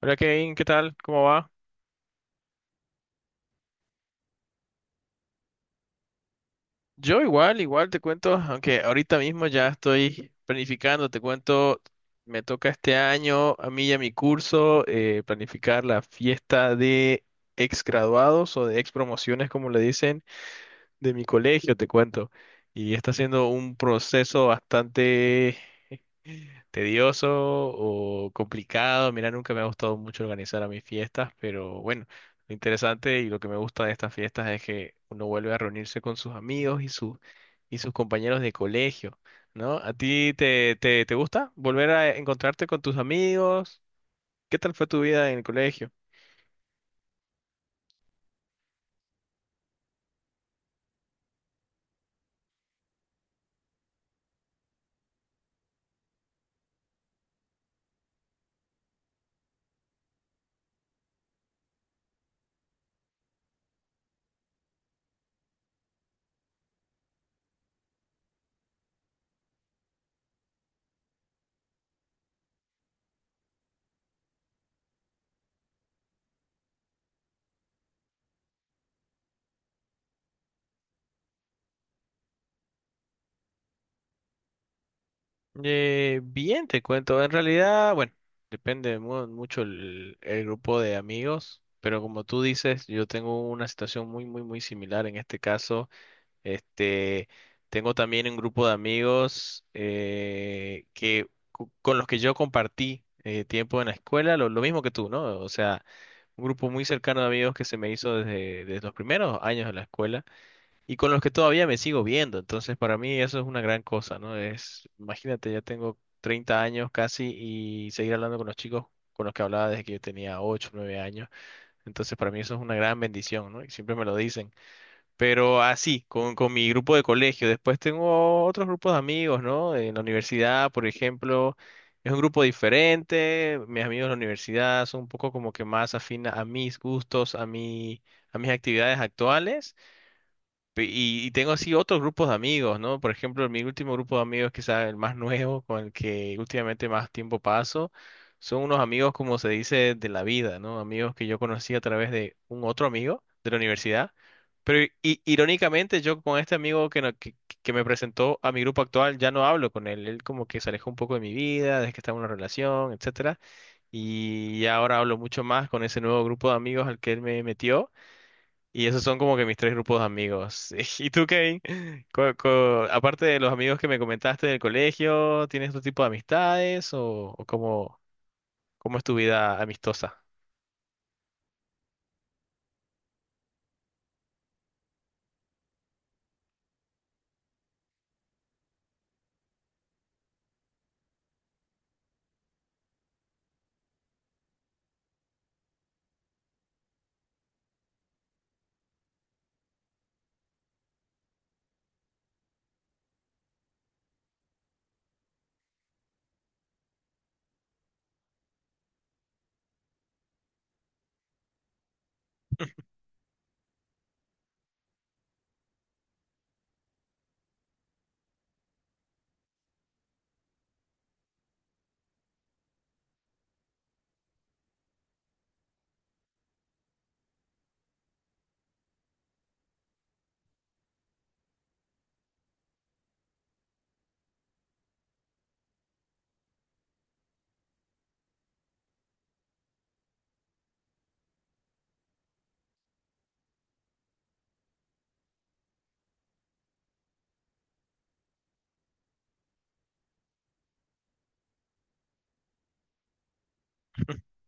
Hola Kevin, ¿qué tal? ¿Cómo va? Yo igual, igual te cuento, aunque ahorita mismo ya estoy planificando, te cuento, me toca este año a mí y a mi curso planificar la fiesta de ex graduados o de ex promociones, como le dicen, de mi colegio, te cuento. Y está siendo un proceso bastante tedioso o complicado. Mira, nunca me ha gustado mucho organizar a mis fiestas, pero bueno, lo interesante y lo que me gusta de estas fiestas es que uno vuelve a reunirse con sus amigos y sus compañeros de colegio, ¿no? ¿A ti te gusta volver a encontrarte con tus amigos? ¿Qué tal fue tu vida en el colegio? Bien, te cuento. En realidad, bueno, depende mucho el grupo de amigos, pero como tú dices, yo tengo una situación muy, muy, muy similar en este caso. Este, tengo también un grupo de amigos con los que yo compartí tiempo en la escuela, lo mismo que tú, ¿no? O sea, un grupo muy cercano de amigos que se me hizo desde los primeros años de la escuela y con los que todavía me sigo viendo. Entonces, para mí eso es una gran cosa, ¿no? Es, imagínate, ya tengo 30 años casi y seguir hablando con los chicos con los que hablaba desde que yo tenía 8 9 años. Entonces, para mí eso es una gran bendición, ¿no? Y siempre me lo dicen. Pero así, con mi grupo de colegio. Después tengo otros grupos de amigos, ¿no? En la universidad, por ejemplo, es un grupo diferente. Mis amigos de la universidad son un poco como que más afina a mis gustos, a mis actividades actuales. Y tengo así otros grupos de amigos, ¿no? Por ejemplo, mi último grupo de amigos, quizás el más nuevo, con el que últimamente más tiempo paso, son unos amigos, como se dice, de la vida, ¿no? Amigos que yo conocí a través de un otro amigo de la universidad. Pero irónicamente, yo con este amigo que, no- que me presentó a mi grupo actual, ya no hablo con él. Él como que se alejó un poco de mi vida, desde que estaba en una relación, etcétera. Y ahora hablo mucho más con ese nuevo grupo de amigos al que él me metió. Y esos son como que mis tres grupos de amigos. ¿Y tú, Kevin? Aparte de los amigos que me comentaste del colegio, ¿tienes otro tipo de amistades o cómo, cómo es tu vida amistosa?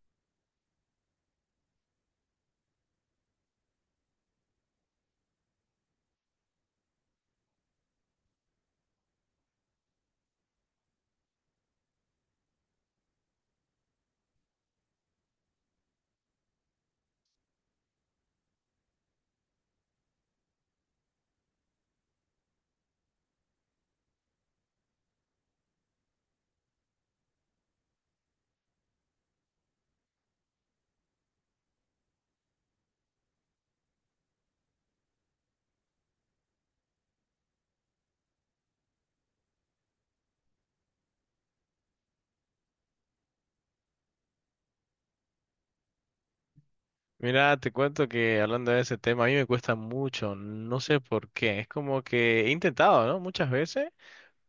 Mira, te cuento que hablando de ese tema, a mí me cuesta mucho, no sé por qué. Es como que he intentado, ¿no? Muchas veces.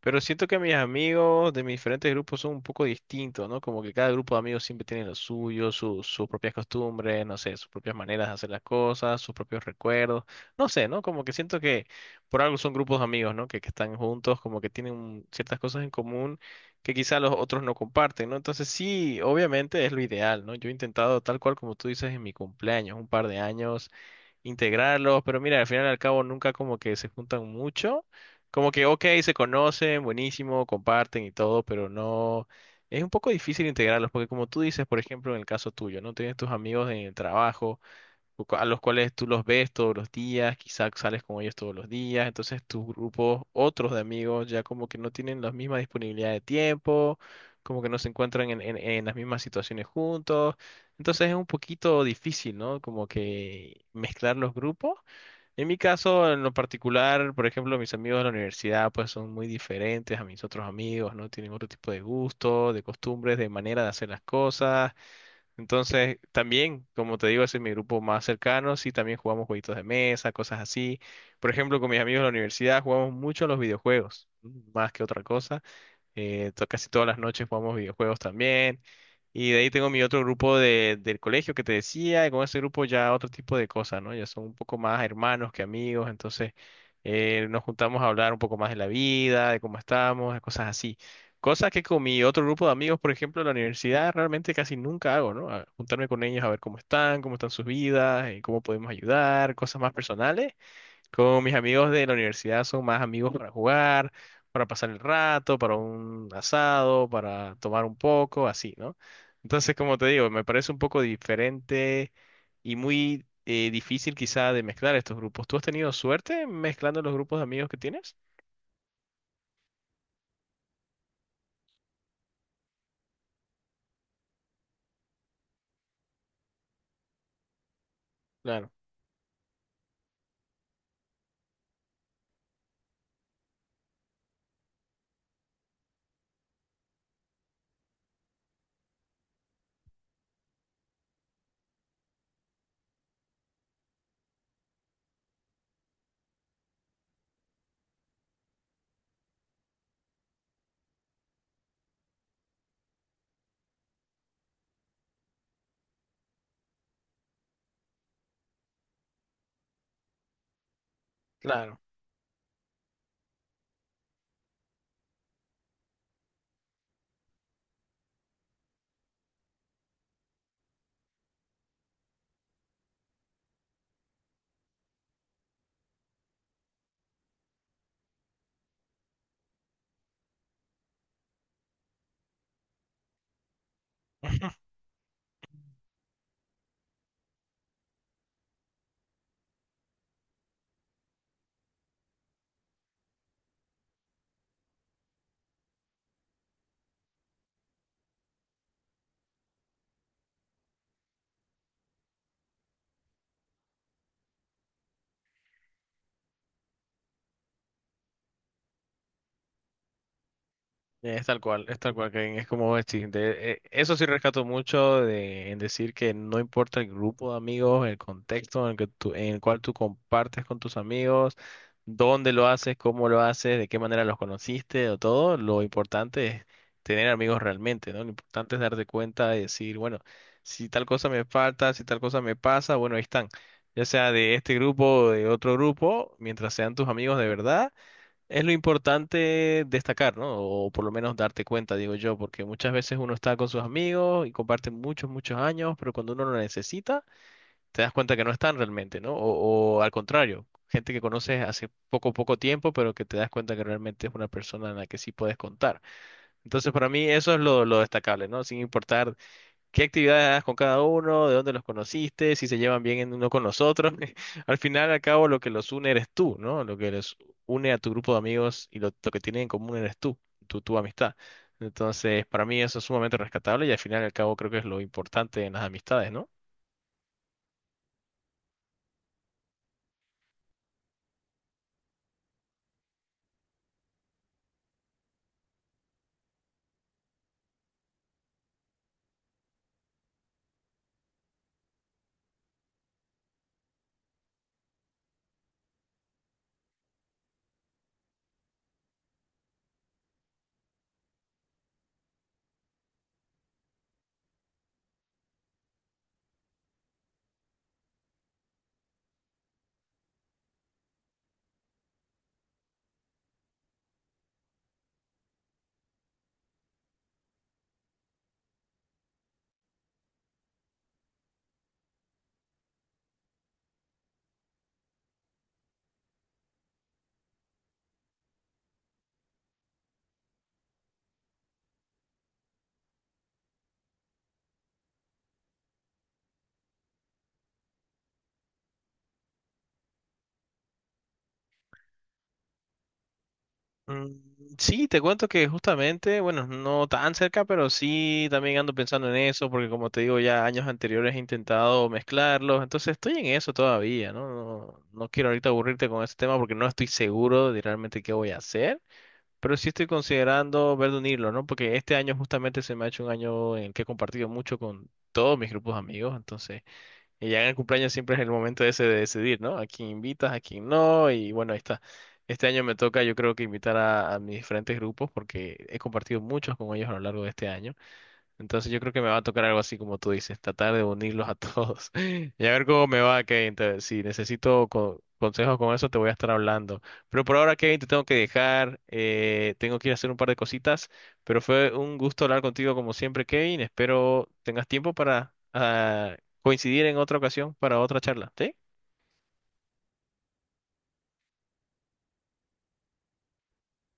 Pero siento que mis amigos de mis diferentes grupos son un poco distintos, ¿no? Como que cada grupo de amigos siempre tiene lo suyo, sus propias costumbres, no sé, sus propias maneras de hacer las cosas, sus propios recuerdos, no sé, ¿no? Como que siento que por algo son grupos de amigos, ¿no? Que están juntos, como que tienen ciertas cosas en común que quizá los otros no comparten, ¿no? Entonces sí, obviamente es lo ideal, ¿no? Yo he intentado tal cual como tú dices en mi cumpleaños, un par de años integrarlos, pero mira, al final y al cabo nunca como que se juntan mucho, como que, ok, se conocen, buenísimo, comparten y todo, pero no, es un poco difícil integrarlos, porque como tú dices, por ejemplo, en el caso tuyo, ¿no? Tienes tus amigos en el trabajo a los cuales tú los ves todos los días, quizás sales con ellos todos los días, entonces tus grupos, otros de amigos, ya como que no tienen la misma disponibilidad de tiempo, como que no se encuentran en las mismas situaciones juntos, entonces es un poquito difícil, ¿no? Como que mezclar los grupos. En mi caso, en lo particular, por ejemplo, mis amigos de la universidad, pues son muy diferentes a mis otros amigos, ¿no? Tienen otro tipo de gusto, de costumbres, de manera de hacer las cosas. Entonces, también, como te digo, ese es mi grupo más cercano. Sí, también jugamos jueguitos de mesa, cosas así. Por ejemplo, con mis amigos de la universidad jugamos mucho a los videojuegos, más que otra cosa casi todas las noches jugamos videojuegos también. Y de ahí tengo mi otro grupo de, del colegio que te decía, y con ese grupo ya otro tipo de cosas, ¿no? Ya son un poco más hermanos que amigos, entonces nos juntamos a hablar un poco más de la vida, de cómo estamos, de cosas así. Cosas que con mi otro grupo de amigos, por ejemplo, en la universidad, realmente casi nunca hago, ¿no? Juntarme con ellos a ver cómo están sus vidas, cómo podemos ayudar, cosas más personales. Con mis amigos de la universidad son más amigos para jugar, para pasar el rato, para un asado, para tomar un poco, así, ¿no? Entonces, como te digo, me parece un poco diferente y muy difícil quizá de mezclar estos grupos. ¿Tú has tenido suerte mezclando los grupos de amigos que tienes? Claro, claro. Es tal cual, Kevin, es como decir, eso sí rescato mucho de, en decir que no importa el grupo de amigos, el contexto en el que en el cual tú compartes con tus amigos, dónde lo haces, cómo lo haces, de qué manera los conociste o todo, lo importante es tener amigos realmente, ¿no? Lo importante es darte cuenta y decir, bueno, si tal cosa me falta, si tal cosa me pasa, bueno, ahí están, ya sea de este grupo o de otro grupo, mientras sean tus amigos de verdad es lo importante destacar, ¿no? O por lo menos darte cuenta, digo yo, porque muchas veces uno está con sus amigos y comparten muchos, muchos años, pero cuando uno lo necesita, te das cuenta que no están realmente, ¿no? O al contrario, gente que conoces hace poco, poco tiempo, pero que te das cuenta que realmente es una persona en la que sí puedes contar. Entonces, para mí eso es lo destacable, ¿no? Sin importar qué actividades haces con cada uno, de dónde los conociste, si se llevan bien en uno con los otros. Al final, al cabo, lo que los une eres tú, ¿no? Lo que les une a tu grupo de amigos y lo que tienen en común eres tú, tu amistad. Entonces, para mí eso es sumamente rescatable y al final, al cabo, creo que es lo importante en las amistades, ¿no? Mm, sí, te cuento que justamente, bueno, no tan cerca, pero sí también ando pensando en eso, porque como te digo, ya años anteriores he intentado mezclarlos, entonces estoy en eso todavía, ¿no? No quiero ahorita aburrirte con ese tema porque no estoy seguro de realmente qué voy a hacer, pero sí estoy considerando ver de unirlo, ¿no? Porque este año justamente se me ha hecho un año en el que he compartido mucho con todos mis grupos de amigos, entonces... Y ya en el cumpleaños siempre es el momento ese de decidir, ¿no? A quién invitas, a quién no. Y bueno, ahí está. Este año me toca, yo creo que invitar a mis diferentes grupos porque he compartido muchos con ellos a lo largo de este año. Entonces yo creo que me va a tocar algo así como tú dices, tratar de unirlos a todos y a ver cómo me va, Kevin. Si necesito consejos con eso, te voy a estar hablando. Pero por ahora, Kevin, te tengo que dejar, tengo que ir a hacer un par de cositas, pero fue un gusto hablar contigo como siempre, Kevin. Espero tengas tiempo para coincidir en otra ocasión para otra charla, ¿sí?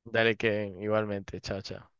Dale, Kevin, igualmente. Chao, chao.